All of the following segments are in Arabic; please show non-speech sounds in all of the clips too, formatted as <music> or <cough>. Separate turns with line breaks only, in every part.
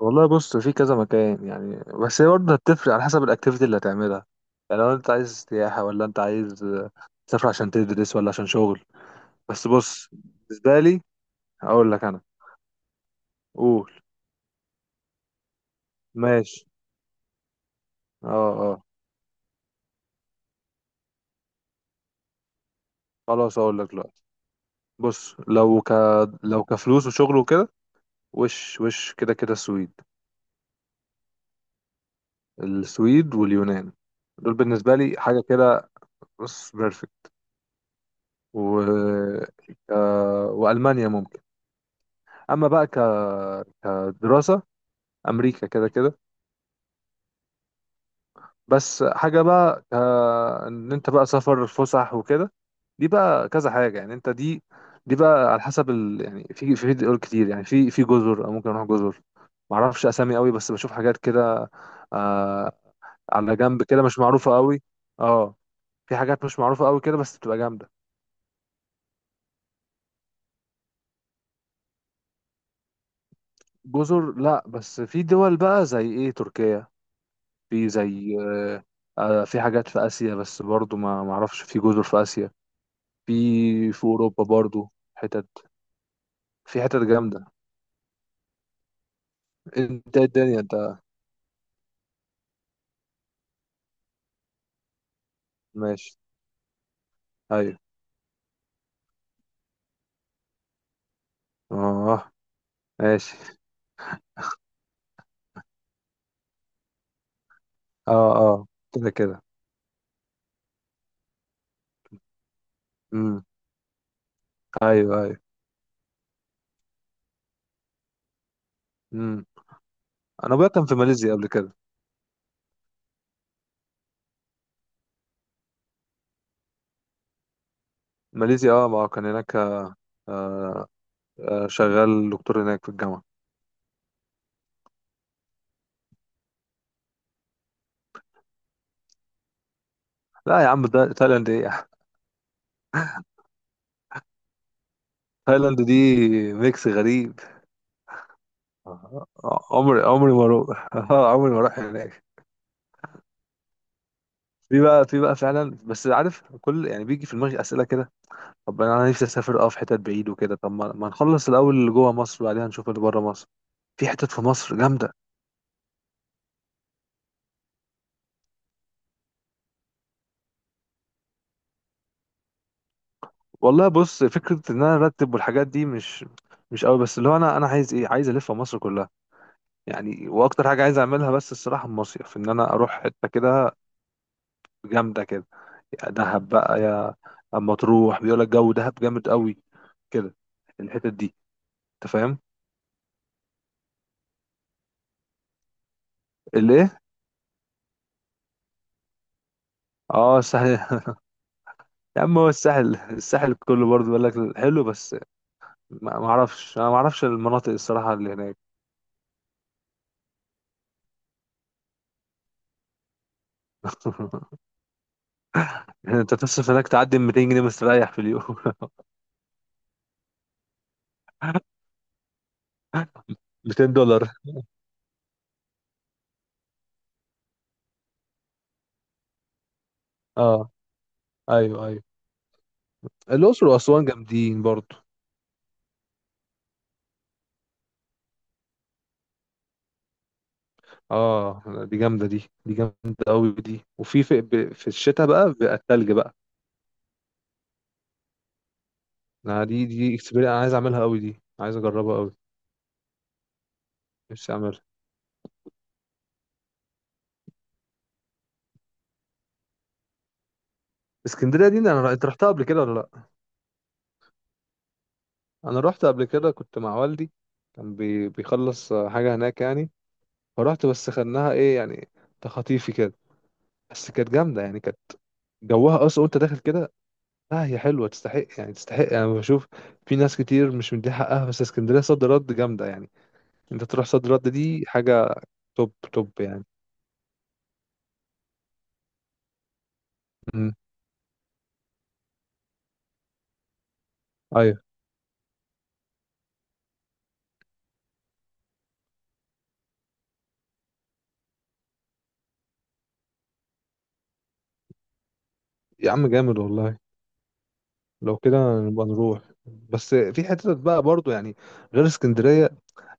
والله بص، في كذا مكان يعني. بس هي برضه هتفرق على حسب الاكتيفيتي اللي هتعملها. يعني لو انت عايز سياحة ولا انت عايز تسافر عشان تدرس ولا عشان شغل. بس بص، بالنسبة لي هقول لك انا. قول. ماشي. اه، اه. خلاص، هقول لك دلوقتي. بص، لو كفلوس وشغل وكده. وش وش كده كده السويد. السويد واليونان، دول بالنسبة لي حاجة كده. بص، بيرفكت. و... وألمانيا ممكن. أما بقى كدراسة، امريكا كده كده. بس حاجه بقى ان انت بقى سفر فسح وكده، دي بقى كذا حاجه. يعني انت دي بقى على حسب يعني في في فيديو كتير. يعني في جزر، أو ممكن اروح جزر. ما اعرفش اسامي قوي بس بشوف حاجات كده. آه. على جنب كده، مش معروفه قوي. اه، في حاجات مش معروفه قوي كده، بس بتبقى جامده. جزر لا، بس في دول بقى زي ايه، تركيا. في زي في حاجات في اسيا، بس برضو ما اعرفش في جزر في اسيا. في اوروبا برضو حتت. في حتت جامده. انت إيه الدنيا انت؟ ماشي. ايوه. اه. ماشي. اه، اه، كده كده. امم. ايوه، ايوه. امم. انا بقى كان في ماليزيا قبل كده. ماليزيا، اه، ما كان هناك. آه، شغال دكتور هناك في الجامعه. لا يا عم، ده تايلاند ايه؟ <laughs> تايلاند دي ميكس غريب. عمري ما اروح <laughs> عمري ما اروح هناك. في بقى فعلا. بس عارف، كل يعني بيجي في دماغي اسئله كده. طب انا نفسي اسافر، اه، في حتت بعيد وكده. طب ما نخلص الاول اللي جوه مصر، وبعدين نشوف اللي بره مصر. في حتت في مصر جامده. والله بص، فكره ان انا ارتب والحاجات دي مش قوي. بس اللي هو انا عايز ايه، عايز الف مصر كلها. يعني واكتر حاجه عايز اعملها بس الصراحه المصيف، ان انا اروح حته كده جامده كده. يا دهب بقى يا. اما تروح بيقول لك جو دهب جامد قوي كده. الحتت دي، انت فاهم. اللي ايه؟ اه، الساحل <laughs> يا عم، هو الساحل كله برضه بيقول لك حلو. بس ما اعرفش، انا ما اعرفش المناطق الصراحه اللي هناك. <laughs> يعني انت تصرف هناك تعدي 200 جنيه مستريح في اليوم. <laughs> 200 دولار. اه، ايوه، ايوه. الاقصر واسوان جامدين برضو. اه، دي جامده دي جامده قوي دي. وفي في, ب- في الشتاء بقى بيبقى التلج بقى. انا دي اكسبيرينس انا عايز اعملها قوي دي، عايز اجربها قوي. نفسي اعملها. اسكندريه دي انت رحتها قبل كده ولا لا؟ انا رحت قبل كده، كنت مع والدي. كان بيخلص حاجه هناك يعني. فرحت، بس خدناها ايه يعني، تخطيفي كده. بس كانت جامده يعني، كانت جوها اصلا وانت داخل كده. لا، هي حلوه، تستحق يعني تستحق. انا يعني بشوف في ناس كتير مش مديها حقها، بس اسكندريه صد رد جامده يعني. انت تروح صد رد دي حاجه توب توب يعني. امم. ايوه. يا عم جامد والله. لو كده نبقى نروح. بس في حتت بقى برضو يعني غير اسكندريه،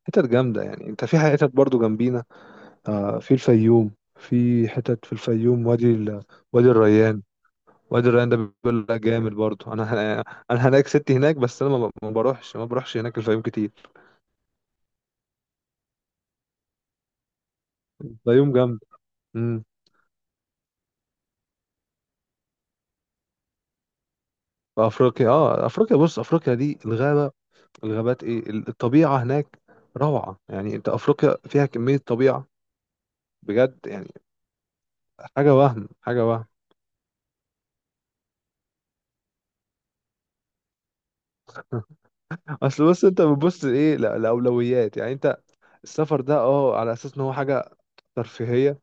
حتت جامده. يعني انت في حتت برضو جنبينا، آه، في الفيوم. في حتت في الفيوم، وادي الريان. وادي الريان ده بيقول لك جامد برضه. ه- انا هناك ستي هناك، بس انا ما بروحش، ما بروحش هناك الفيوم كتير. الفيوم جامد. امم. افريقيا، اه، افريقيا بص، افريقيا دي الغابه، الغابات، ايه الطبيعه هناك روعه. يعني انت افريقيا فيها كميه طبيعه بجد يعني. حاجه وهم، حاجه وهم. <laughs> اصل بص، انت بتبص ايه لاولويات. يعني انت السفر ده، اه، على اساس ان هو حاجه ترفيهيه.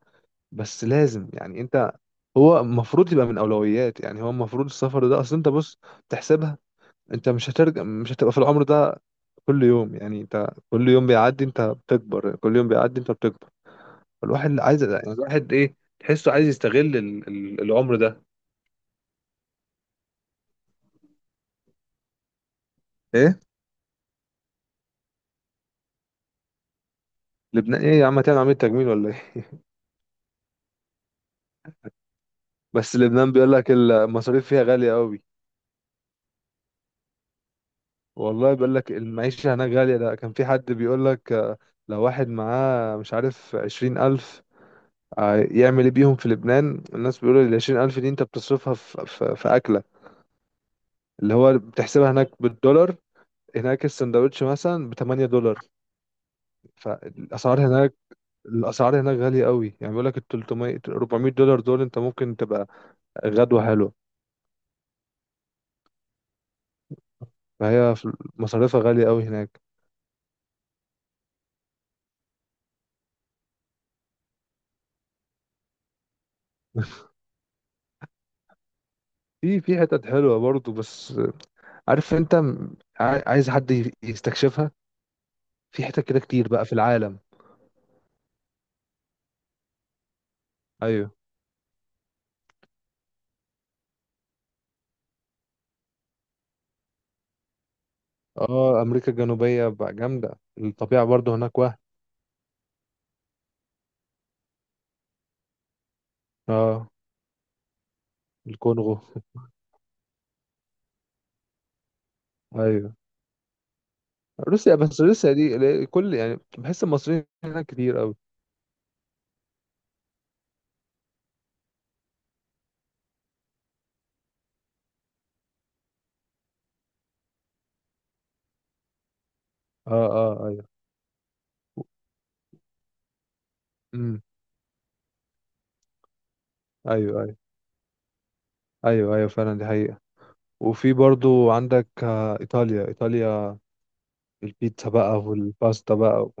بس لازم يعني انت، هو المفروض يبقى من اولويات. يعني هو المفروض السفر ده، اصل انت بص تحسبها. انت مش هترجع، مش هتبقى في العمر ده كل يوم. يعني انت كل يوم بيعدي انت بتكبر، كل يوم بيعدي انت بتكبر. الواحد اللي عايز يعني، الواحد ايه، تحسه عايز يستغل العمر ده. ايه. لبنان ايه يا عم، هتعمل عملية تجميل ولا ايه؟ <laughs> بس لبنان بيقول لك المصاريف فيها غالية قوي. والله بيقول لك المعيشة هناك غالية. ده كان في حد بيقول لك، لو واحد معاه مش عارف 20 ألف، اه، يعمل ايه بيهم في لبنان. الناس بيقولوا ال20 ألف دي انت بتصرفها في أكلة، اللي هو بتحسبها هناك بالدولار. هناك السندوتش مثلا ب 8 دولار. فالاسعار هناك، الاسعار هناك غاليه قوي. يعني بيقول لك ال 300 400 دولار دول، انت ممكن تبقى غدوه حلوه. فهي في- مصاريفها غاليه قوي هناك. <laughs> في حتت حلوه برضو. بس عارف انت عايز حد يستكشفها. في حتت كده كتير بقى في العالم. ايوه. اه، امريكا الجنوبيه بقى جامده، الطبيعه برضو هناك وهم. اه. الكونغو. ايوه. روسيا، بس روسيا دي كل يعني بحس المصريين هناك كتير قوي. اه. اه، ايوه. امم. ايوه، ايوه. ايوه، ايوه، فعلا دي حقيقة. وفي برضو عندك، آه، ايطاليا ايطاليا، البيتزا بقى والباستا بقى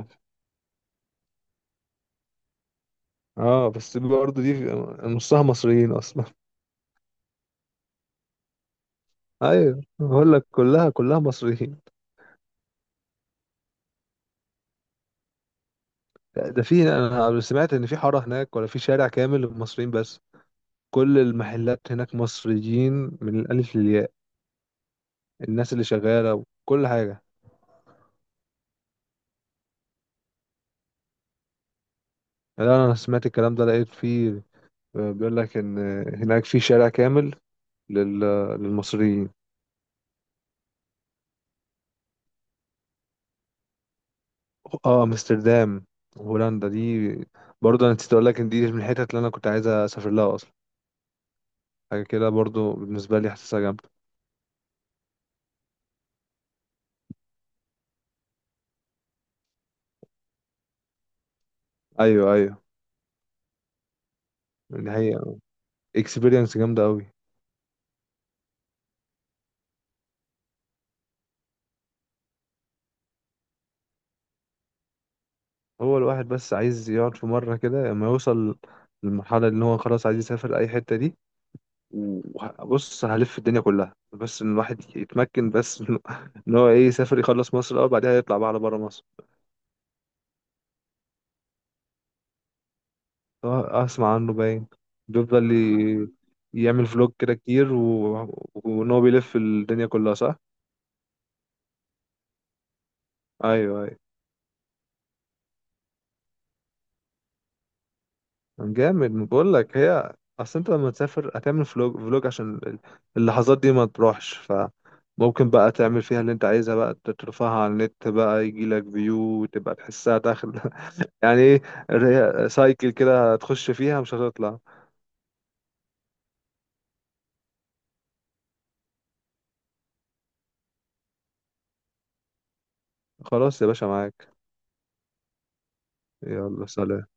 اه. بس برضو دي نصها مصريين اصلا. <laughs> ايوه، بقول لك كلها كلها مصريين. ده في، انا سمعت ان في حارة هناك ولا في شارع كامل للمصريين، بس كل المحلات هناك مصريين من الالف للياء. الناس اللي شغالة وكل حاجة. لا انا سمعت الكلام ده لقيت فيه، بيقول لك ان هناك في شارع كامل لل... آه، للمصريين. اه، امستردام. هولندا دي برضه، انا نسيت اقول لك ان دي من الحتت اللي انا كنت عايز اسافر لها اصلا. حاجه كده برضه بالنسبه لي حاسسها جامده. ايوه، ايوه. ان هي اكسبيرينس جامده قوي. هو الواحد بس عايز يقعد في مره كده، لما يوصل للمرحله اللي هو خلاص عايز يسافر اي حته دي. وبص، هلف الدنيا كلها. بس ان الواحد يتمكن بس <laughs> ان هو ايه، يسافر يخلص مصر الاول، بعدها يطلع بقى على بره مصر. اسمع عنه باين. بيفضل يعمل فلوج كده كتير وان هو بيلف الدنيا كلها صح. ايوه، ايوه. جامد بقول لك. هي اصل انت لما تسافر هتعمل فلوج فلوج عشان اللحظات دي ما تروحش. فممكن بقى تعمل فيها اللي انت عايزها، بقى ترفعها على النت، بقى يجي لك فيو تبقى تحسها داخل <laughs> يعني ايه، سايكل كده هتخش فيها مش هتطلع. خلاص يا باشا معاك. يلا سلام.